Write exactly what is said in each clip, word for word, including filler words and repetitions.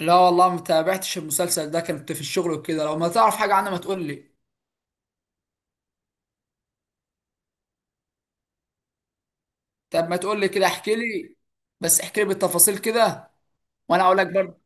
لا والله ما تابعتش المسلسل ده، كنت في الشغل وكده. لو ما تعرف حاجة عنه ما تقول لي. طب ما تقول لي كده، احكي لي. بس احكي لي بالتفاصيل كده. وانا اقول لك برضه.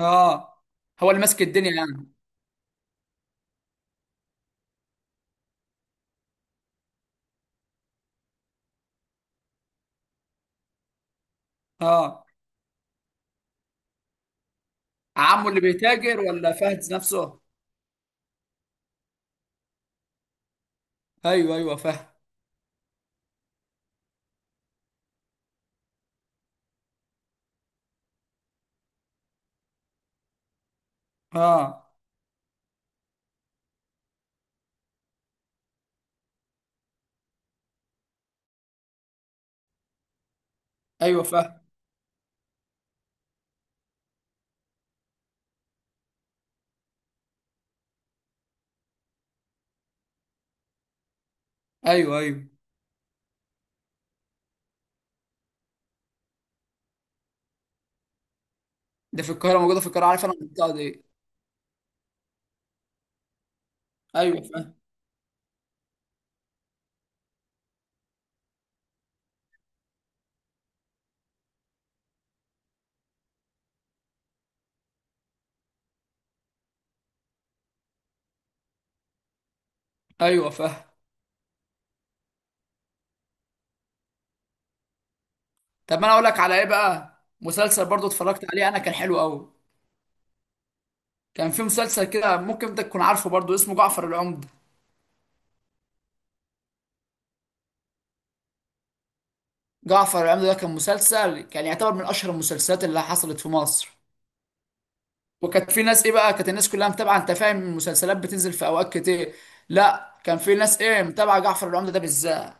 اه. هو اللي ماسك الدنيا يعني. اه. عمه اللي بيتاجر ولا فهد نفسه؟ ايوه ايوه فهد. اه. ايوه فهد. ايوه ايوه. ده في القاهرة، موجودة في القاهرة، عارف انا المنطقة دي. ايوه فهد. ايوه فهد. طب ما انا اقول لك على ايه بقى. مسلسل برضه اتفرجت عليه انا، كان حلو قوي. كان في مسلسل كده ممكن انت تكون عارفه برضه، اسمه جعفر العمدة. جعفر العمدة ده كان مسلسل، كان يعتبر من اشهر المسلسلات اللي حصلت في مصر. وكانت في ناس ايه بقى، كانت الناس كلها متابعه، انت فاهم المسلسلات بتنزل في اوقات كتير. لا، كان في ناس ايه متابعه جعفر العمدة ده بالذات.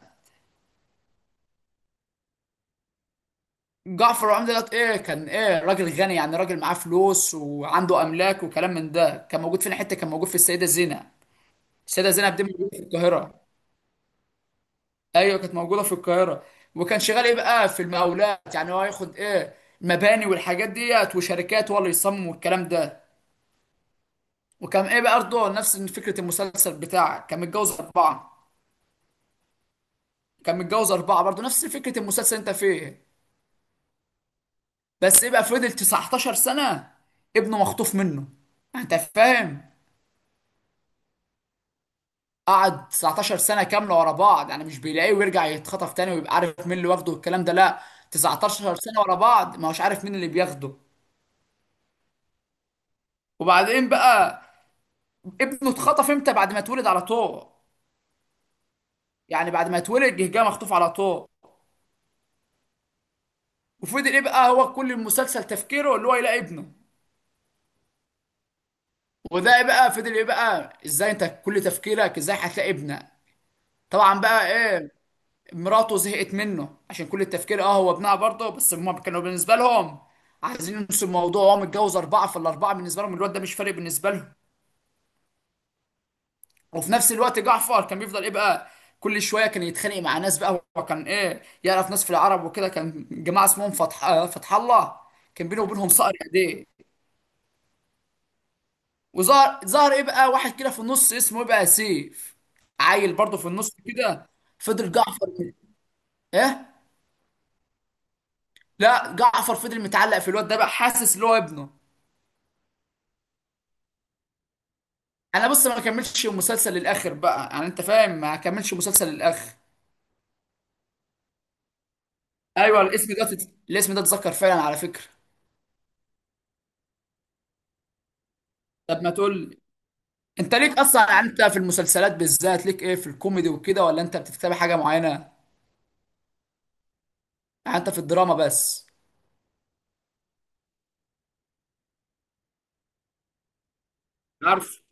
جعفر العمدة ده ايه، كان ايه، راجل غني يعني، راجل معاه فلوس وعنده املاك وكلام من ده. كان موجود فين، حته كان موجود في السيده زينب. السيده زينب دي موجوده في القاهره. ايوه كانت موجوده في القاهره. وكان شغال ايه بقى، في المقاولات، يعني هو ياخد ايه، مباني والحاجات ديت وشركات، هو اللي يصمم والكلام ده. وكان ايه بقى برضه، نفس فكره المسلسل بتاعك، كان متجوز اربعه. كان متجوز اربعه برضه نفس فكره المسلسل انت فيه. بس ايه بقى، فضل تسعة عشر سنه ابنه مخطوف منه، انت فاهم. قعد تسعتاشر سنه كامله ورا بعض، يعني مش بيلاقيه ويرجع يتخطف تاني ويبقى عارف مين اللي واخده والكلام ده، لا. تسعتاشر سنه ورا بعض ما هوش عارف مين اللي بياخده. وبعدين بقى، ابنه اتخطف امتى؟ بعد ما اتولد على طول. يعني بعد ما اتولد جه جه مخطوف على طول. وفضل ايه بقى، هو كل المسلسل تفكيره اللي هو يلاقي ابنه. وده بقى فضل ايه بقى، ازاي انت كل تفكيرك ازاي هتلاقي ابنها. طبعا بقى ايه، مراته زهقت منه عشان كل التفكير اه هو ابنها برضه، بس هما كانوا بالنسبه لهم عايزين ينسوا الموضوع. هو متجوز اربعه، فالاربعه بالنسبه لهم الواد ده مش فارق بالنسبه لهم. وفي نفس الوقت جعفر كان بيفضل ايه بقى، كل شويه كان يتخانق مع ناس بقى، هو كان ايه، يعرف ناس في العرب وكده. كان جماعه اسمهم فتح آه، فتح الله، كان بينه وبينهم صقر ايديه. وظهر ظهر ايه بقى، واحد كده في النص اسمه ايه بقى سيف، عيل برضه في النص كده. فضل جعفر ايه، لا جعفر فضل متعلق في الواد ده بقى، حاسس ان هو ابنه. انا بص ما كملتش المسلسل للاخر بقى، يعني انت فاهم ما كملتش المسلسل للاخر. ايوه الاسم ده تت... الاسم ده اتذكر فعلا على فكره. طب ما تقول. انت ليك اصلا، يعني انت في المسلسلات بالذات ليك ايه، في الكوميدي وكده ولا انت بتتابع حاجه معينه؟ يعني انت في الدراما بس. عارف،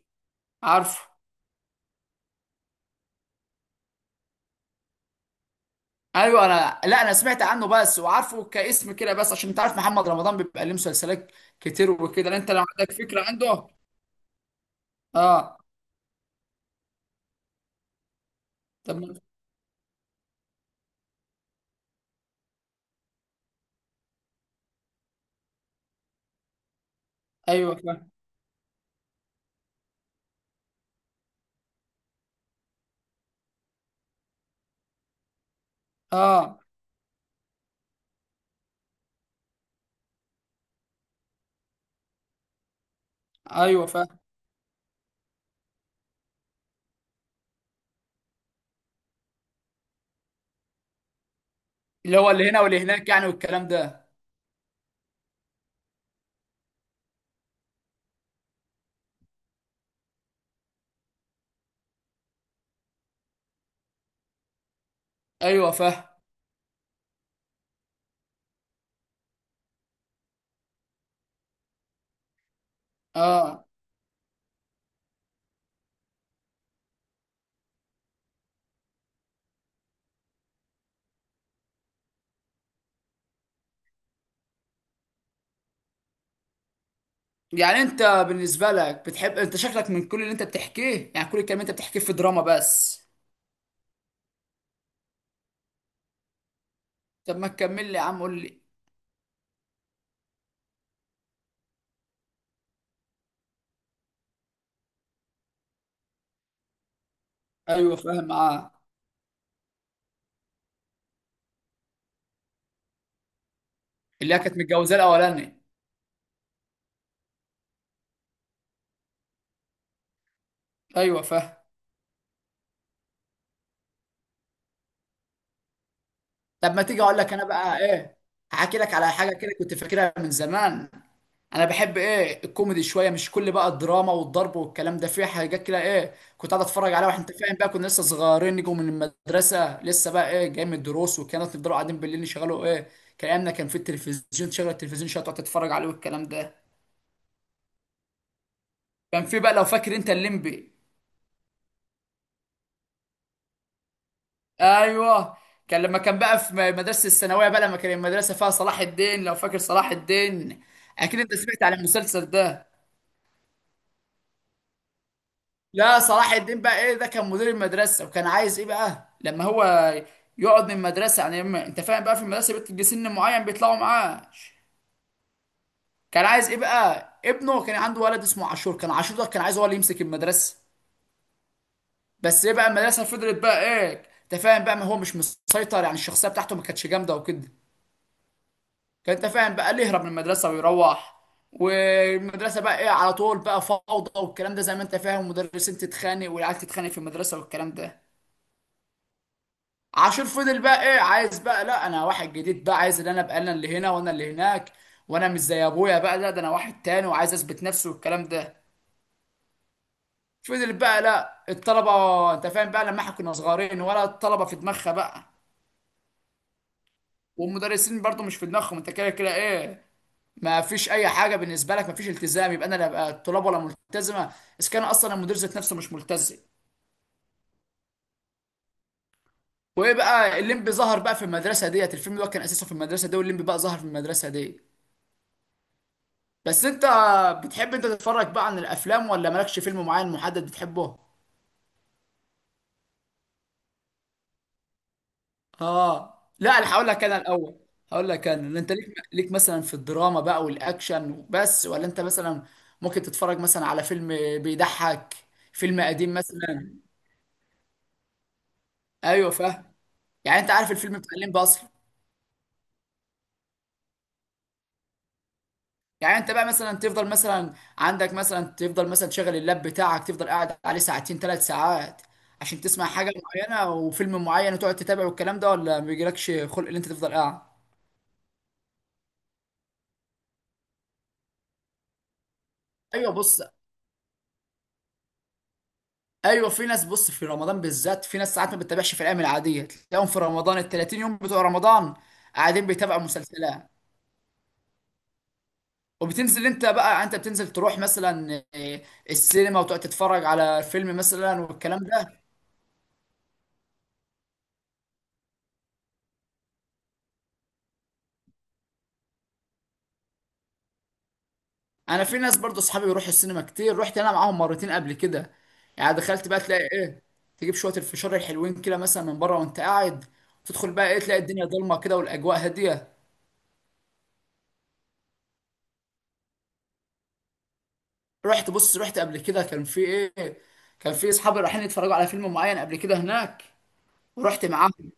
عارف. ايوه انا لا، انا سمعت عنه بس وعارفه كاسم كده بس، عشان انت عارف محمد رمضان بيبقى ليه مسلسلات كتير وكده. لا انت لو عندك فكره عنده. اه. طب ما- ايوه فاهم. اه. ايوه فاهم. اللي هو اللي هنا واللي هناك يعني والكلام ده. ايوه فاهم. اه. يعني انت بالنسبه لك بتحب، انت شكلك من كل اللي انت بتحكيه، يعني كل الكلام اللي انت بتحكيه في دراما بس. طب ما تكمل لي يا عم قول لي. ايوه فاهم. اه. اللي هي كانت متجوزاه الاولاني. ايوه فاهم. طب ما تيجي اقول لك انا بقى ايه، هحكي لك على حاجه كده كنت فاكرها من زمان. انا بحب ايه، الكوميدي شويه، مش كل بقى الدراما والضرب والكلام ده. في حاجات كده ايه كنت قاعد اتفرج عليها واحنا، انت فاهم بقى، كنا لسه صغيرين نجوا من المدرسه لسه بقى، ايه، جاي من الدروس وكانت نفضلوا قاعدين بالليل نشغلوا ايه، كلامنا كان في التلفزيون، تشغل التلفزيون شويه تقعد تتفرج عليه والكلام ده. كان في بقى، لو فاكر انت الليمبي. ايوه. كان لما كان بقى في مدرسه الثانويه بقى، لما كان المدرسه فيها صلاح الدين، لو فاكر صلاح الدين. اكيد انت سمعت على المسلسل ده. لا، صلاح الدين بقى ايه، ده كان مدير المدرسه وكان عايز ايه بقى، لما هو يقعد من المدرسه، يعني لما انت فاهم بقى، في المدرسه بتجي سن معين بيطلعوا معاه. كان عايز ايه بقى، ابنه، كان عنده ولد اسمه عاشور. كان عاشور ده كان عايز هو اللي يمسك المدرسه. بس ايه بقى، المدرسه فضلت بقى ايه، انت فاهم بقى، ما هو مش مسيطر، يعني الشخصيه بتاعته ما كانتش جامده وكده. كان انت فاهم بقى، اللي يهرب من المدرسه ويروح، والمدرسه بقى ايه على طول بقى فوضى والكلام ده، زي ما انت فاهم مدرسين تتخانق والعيال تتخانق في المدرسه والكلام ده. عاشور فضل بقى ايه، عايز بقى، لا انا واحد جديد بقى، عايز ان انا ابقى انا اللي هنا وانا اللي هناك، وانا مش زي ابويا بقى، لا ده انا واحد تاني، وعايز اثبت نفسي والكلام ده. فضل بقى، لا الطلبه، انت فاهم بقى، لما احنا كنا صغيرين، ولا الطلبه في دماغها بقى، والمدرسين برضو مش في دماغهم. انت كده كده ايه، ما فيش اي حاجه بالنسبه لك، ما فيش التزام، يبقى انا لا بقى الطلاب ولا ملتزمه، اذا كان اصلا المدير ذات نفسه مش ملتزم. وايه بقى، الليمبي ظهر بقى في المدرسه ديت، الفيلم ده كان اساسه في المدرسه دي، والليمبي بقى ظهر في المدرسه دي. بس انت بتحب انت تتفرج بقى عن الافلام، ولا مالكش فيلم معين محدد بتحبه؟ اه. لا انا هقول لك انا الاول. هقول لك انا انت ليك، ليك مثلا في الدراما بقى والاكشن بس، ولا انت مثلا ممكن تتفرج مثلا على فيلم بيضحك، فيلم قديم مثلا. ايوه فاهم. يعني انت عارف الفيلم بتاع الليمبي اصلا. يعني انت بقى مثلا تفضل مثلا، عندك مثلا تفضل مثلا تشغل اللاب بتاعك تفضل قاعد عليه ساعتين ثلاث ساعات عشان تسمع حاجه معينه وفيلم معين وتقعد تتابع والكلام ده، ولا ما بيجيلكش خلق ان انت تفضل قاعد؟ ايوه بص. ايوه في ناس، بص، في رمضان بالذات في ناس ساعات ما بتتابعش في الايام العاديه، تلاقيهم في رمضان ال ثلاثين يوم بتوع رمضان قاعدين بيتابعوا مسلسلات. وبتنزل انت بقى، انت بتنزل تروح مثلا اه، السينما، وتقعد تتفرج على فيلم مثلا والكلام ده. انا في ناس برضو اصحابي بيروحوا السينما كتير، رحت انا معاهم مرتين قبل كده. يعني دخلت بقى تلاقي ايه، تجيب شويه الفشار الحلوين كده مثلا من بره وانت قاعد، تدخل بقى ايه، تلاقي الدنيا ضلمه كده والاجواء هاديه. رحت، بص، رحت قبل كده، كان في ايه، كان في اصحابي رايحين يتفرجوا على فيلم معين قبل كده هناك، ورحت معاهم.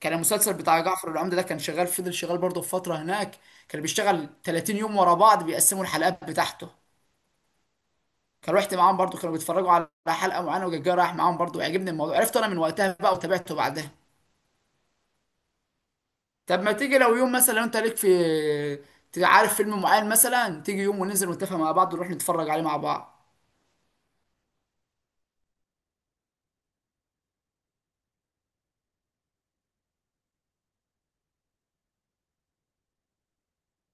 كان المسلسل بتاع جعفر العمدة ده كان شغال، فضل شغال برضه في فتره هناك. كان بيشتغل تلاتين يوم ورا بعض بيقسموا الحلقات بتاعته. كان رحت معاهم برضو، كانوا بيتفرجوا على حلقه معينه، وجاي رايح معاهم برضو، عجبني الموضوع، عرفته انا من وقتها بقى وتابعته بعدها. طب ما تيجي لو يوم مثلا، لو انت ليك في، تبقى عارف فيلم معين مثلا، تيجي يوم وننزل ونتفق مع بعض ونروح نتفرج عليه مع بعض.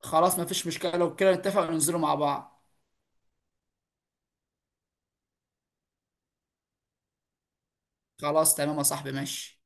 خلاص مفيش مشكله، لو كده نتفق وننزله مع بعض. خلاص تمام يا صاحبي ماشي.